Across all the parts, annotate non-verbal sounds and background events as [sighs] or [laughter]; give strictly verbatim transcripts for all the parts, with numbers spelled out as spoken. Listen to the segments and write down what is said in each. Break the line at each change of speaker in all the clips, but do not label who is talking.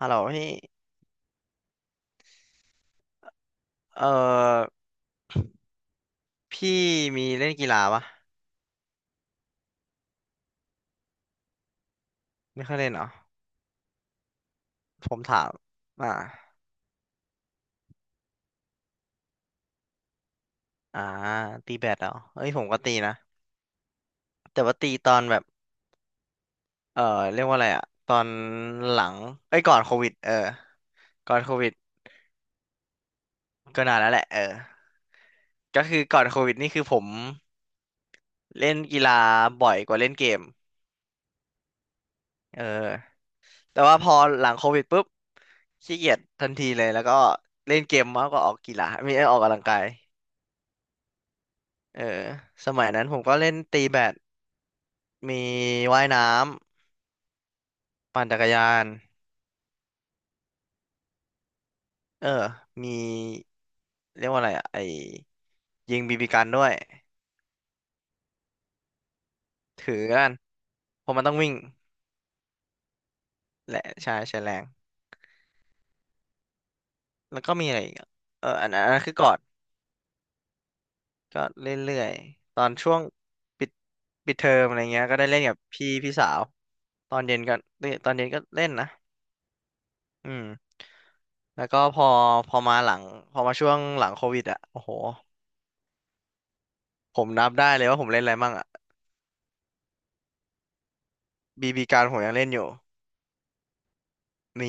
ฮัลโหลพี่เอ่อพี่มีเล่นกีฬาปะไม่ค่อยเล่นเหรอผมถามอ่าอ่าตีแบดเหรอเอ้ยผมก็ตีนะแต่ว่าตีตอนแบบเอ่อเรียกว่าอะไรอะตอนหลังเอ้ยก่อนโควิดเออก่อนโควิดก็นานแล้วแหละเออก็คือก่อนโควิดนี่คือผมเล่นกีฬาบ่อยกว่าเล่นเกมเออแต่ว่าพอหลังโควิดปุ๊บขี้เกียจทันทีเลยแล้วก็เล่นเกมมากกว่าออกกีฬาไม่ได้ออกกำลังกายเออสมัยนั้นผมก็เล่นตีแบด มีว่ายน้ำปั่นจักรยานเออมีเรียกว่าอะไรอะไอยิงบีบีกันด้วยถือกันเพราะมันต้องวิ่งและใช่ใช้แรงแล้วก็มีอะไรอีกอะเอออันอันอันนั้นคือกอดก็เรื่อยๆตอนช่วงปิดปิดเทอมอะไรเงี้ยก็ได้เล่นกับพี่พี่สาวตอนเย็นก็เล่นตอนเย็นก็เล่นนะอืมแล้วก็พอพอมาหลังพอมาช่วงหลังโควิดอ่ะโอ้โหผมนับได้เลยว่าผมเล่นอะไรมั่งอ่ะบีบีการผมยังเล่นอยู่ มี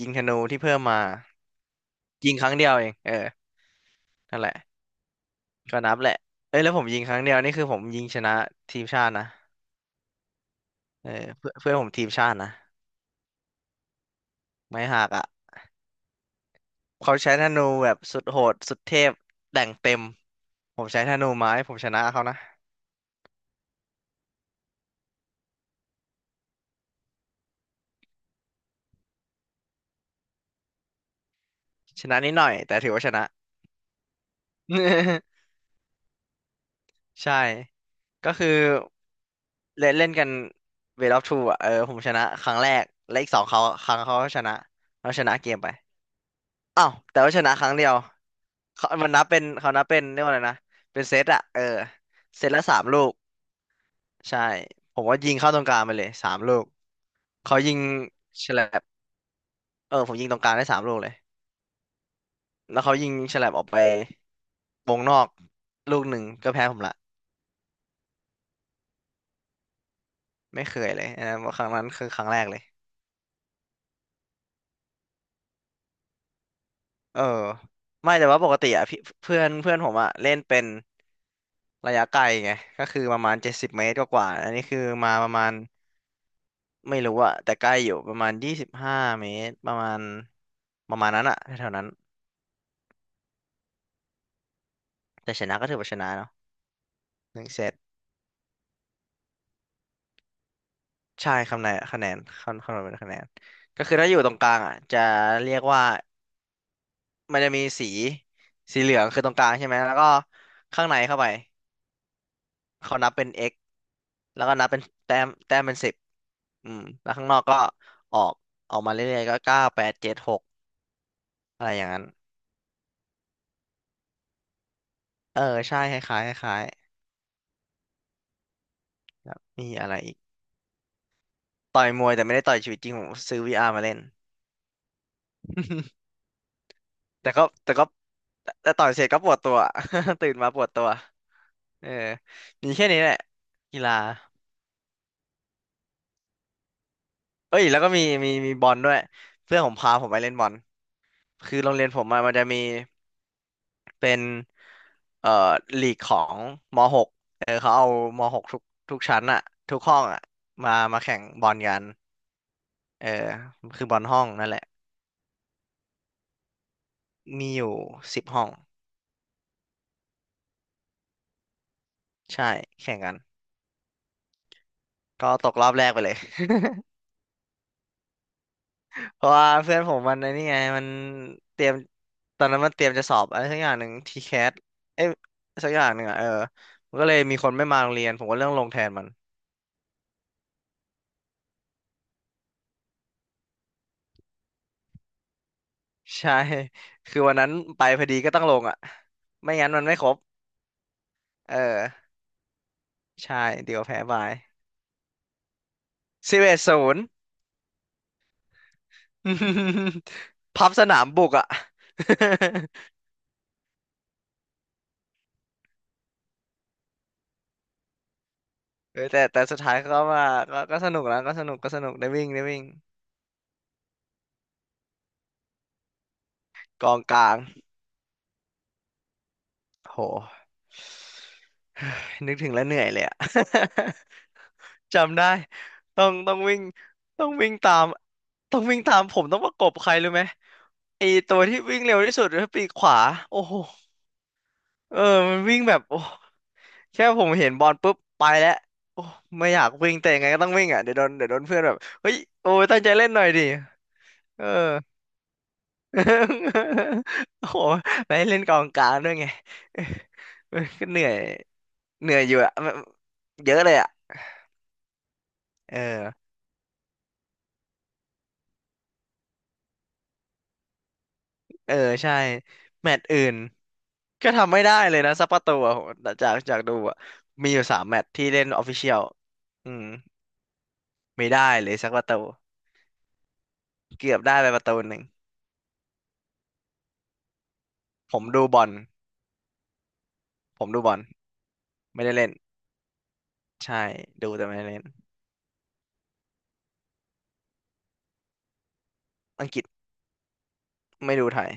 ยิงธนูที่เพิ่มมายิงครั้งเดียวเองเออนั่นแหละก็นับแหละเอ้ยแล้วผมยิงครั้งเดียวนี่คือผมยิงชนะทีมชาตินะเออเพื่อนเพื่อนผมทีมชาตินะไม่หักอ่ะเขาใช้ธนูแบบสุดโหดสุดเทพแต่งเต็มผมใช้ธนูไม้ผมชนะเขานะชนะนิดหน่อยแต่ถือว่าชนะ [laughs] ใช่ก็คือเล่นเล่นกันเวทออฟทูอ่ะเออผมชนะครั้งแรกและอีกสองเขาครั้งเขาก็ชนะเราชนะเกมไป อ้าวแต่ว่าชนะครั้งเดียวเขามันนับเป็นเขานับเป็นเรียกว่าอะไรนะเป็นเซตอะเออเซตละสามลูกใช่ผมว่ายิงเข้าตรงกลางไปเลยสามลูกเขายิงฉลับเออผมยิงตรงกลางได้สามลูกเลยแล้วเขายิงฉลับออกไปวงนอกลูกหนึ่งก็แพ้ผมละไม่เคยเลยอันนั้นครั้งนั้นคือครั้งแรกเลยเออไม่แต่ว่าปกติอะพี่เพื่อนเพื่อนผมอะเล่นเป็นระยะไกลไงก็คือประมาณเจ็ดสิบเมตรกว่าๆอันนี้คือมาประมาณ ไม่รู้อะแต่ใกล้อยู่ประมาณยี่สิบห้าเมตรประมาณประมาณนั้นอะแถวๆนั้นแต่ชนะก็ถือว่าชนะเนาะหนึ่งเซตใช่คะแนนคะแนนคำคำนวณเป็นคะแนนก็คือถ้าอยู่ตรงกลางอะจะเรียกว่ามันจะมีสีสีเหลืองคือตรงกลางใช่ไหมแล้วก็ข้างในเข้าไปเขานับเป็น x แล้วก็นับเป็นแต้มแต้มเป็นสิบอืมแล้วข้างนอกก็ออกออกมาเรื่อยๆก็เก้าแปดเจ็ดหกอะไรอย่างนั้นเออใช่คล้ายๆคล้ายๆแล้วมีอะไรอีก ต่อยมวยแต่ไม่ได้ต่อยชีวิตจริงผมซื้อวีอาร์มาเล่น [laughs] แต่ก็แต่ก็แต่ต่อยเสร็จก็ปวดตัว [laughs] ตื่นมาปวดตัวเออมีแค่นี้แหละกีฬาเอ้ยแล้วก็มีมีมีบอลด้วยเพื่อนผมพาผมไปเล่นบอลคือโรงเรียนผมอะมันจะมีเป็นเอ่อลีกของม .หก เออเขาเอาม .หก ทุกทุกชั้นอะทุกห้องอะมามาแข่งบอลกันเออคือบอลห้องนั่นแหละมีอยู่สิบห้องใช่แข่งกันก็ตกรอบแรกไปเลย [laughs] เพราะว่าเพื่อนผมมันไอ้นี่ไงมันเตรียมตอนนั้นมันเตรียมจะสอบอะไรสักอย่างหนึ่งทีแคสเอ้ยสักอย่างหนึ่งอ่ะเออมันก็เลยมีคนไม่มาโรงเรียนผมก็เรื่องลงแทนมัน [laughs] ใช่ [laughs] คือวันนั้นไปพอดีก็ต้องลงอ่ะไม่งั้นมันไม่ครบเออใช่เดี๋ยวแพ้บายสิบเอ็ดศูนย์ [laughs] พับสนามบุกอ่ะ [laughs] เออแต่แต่สุดท้ายก็ว่าก็ก็สนุกนะก็สนุกก็สนุกได้วิ่งได้วิ่งกองกลาง โห [sighs] นึกถึงแล้วเหนื่อยเลยอะ [laughs] จำได้ ต้องต้องวิ่งต้องวิ่งตามต้องวิ่งตามผมต้องประกบใครรู้ไหมไอตัวที่วิ่งเร็วที่สุดคือปีกขวาโอ้โหเออมันวิ่งแบบโอ้แค่ผมเห็นบอลปุ๊บไปแล้วโอ้ไม่อยากวิ่งแต่ยังไงก็ต้องวิ่งอ่ะ เดี๋ยวโดนเดี๋ยวโดนเพื่อนแบบเฮ้ยโอ้ยตั้งใจเล่นหน่อยดิเออ [laughs] โอ้โหไปเล่นกองกลางด้วยไง [laughs] เออก็เหนื่อย เหนื่อยอยู่อะเยอะเลยอะเออเออใช่แมตช์อื่นก็ทำไม่ได้เลยนะซัปเปอร์ตัวอะจากจากดูอะมีอยู่สามแมตช์ที่เล่นออฟฟิเชียลอืมไม่ได้เลยสักประตูเกือบได้ไปประตูหนึ่งผมดูบอลผมดูบอลไม่ได้เล่นใช่ดูแต่ไม่ได้เล่นอังกฤษไม่ดูไทย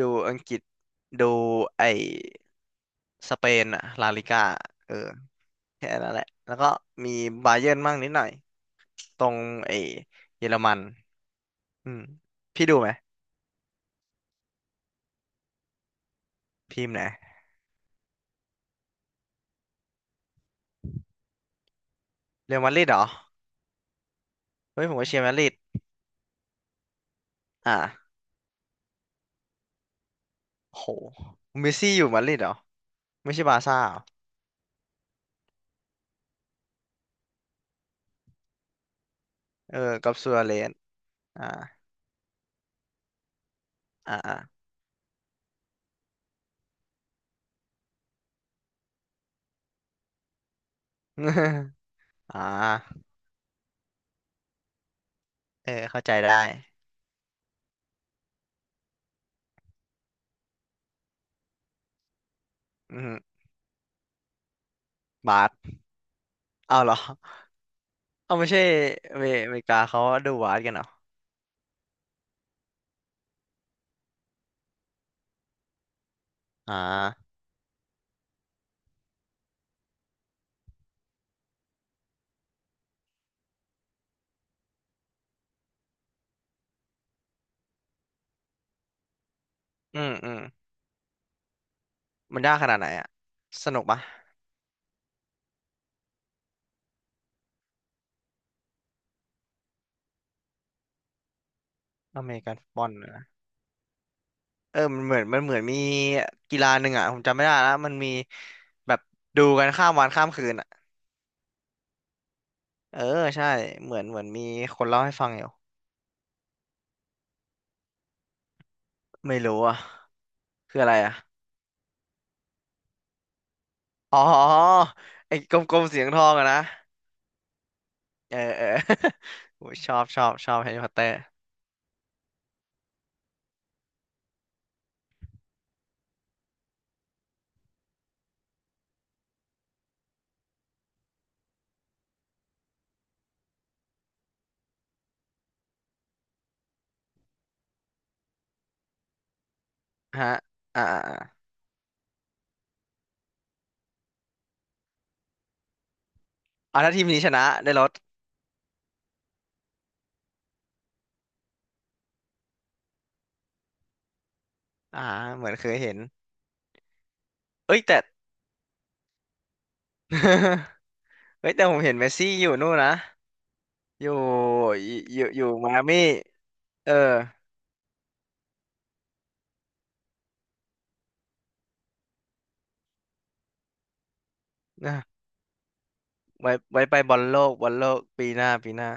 ดูอังกฤษดูไอ้สเปนอะลาลิก้าเออแค่นั้นแหละแล้วก็มีบาเยิร์นมั่งนิดหน่อยตรงไอ้เยอรมัน อืมพี่ดูไหมทีมไหนเรอัลมาดริดเหรอเฮ้ยผมก็เชียร์มาดริดอ่ะโหเมสซี่อยู่มาดริดเหรอไม่ใช่บาร์ซ่าเหรอเออกับซัวเรสอ่าอ่าอ่า [laughs] อ่าเออเข้าใจได้อืมบาสเอาเหรอเอาไม่ใช่เมอเมริกาเขาดูบาสกันเหรออ่าอืมอืมมันยากขนาดไหนอะสนุกปะอเมริกันฟุตบอลนะเออมันเหมือนมันเหมือนมีกีฬาหนึ่งอะผมจำไม่ได้แล้วมันมีแบบดูกันข้ามวันข้ามคืน เออใช่เหมือนเหมือนมีคนเล่าให้ฟังอยู่ไม่รู้อ่ะคืออะไรอ่ะอ๋อไอ้กลมๆเสียงทองอะนะเออเออ [laughs] โอ้ยชอบชอบชอบแฮร์รี่พอตเตอร์ฮะอ่าอ่าอ่าอ่าถ้าทีมนี้ชนะได้รถอ่าเหมือนเคยเห็นเอ้ยแต่ [laughs] เอ้ยแต่ผมเห็นเมสซี่อยู่นู่นนะอยู่อยู่อยู่มายอามี่เออนะไว้ไว้ไปบอลโลกบอลโลกปีหน้าปีหน้า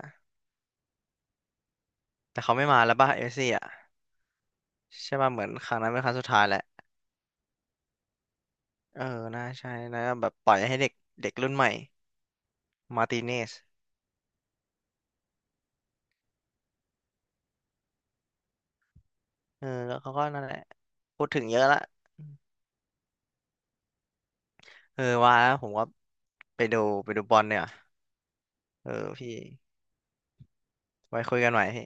แต่เขาไม่มาแล้วป่ะเมสซี่อ่ะใช่ป่ะเหมือนครั้งนั้นเป็นครั้งสุดท้ายแล้ว เออ น่าใช่นะแบบปล่อยให้เด็กเด็กรุ่นใหม่ มาร์ติเนส เออ แล้วเขาก็นั่นแหละพูดถึงเยอะละ เออว่าแล้วผมว่าไปดูไปดูบอลเนี่ยเออพี่ไว้คุยกันใหม่พี่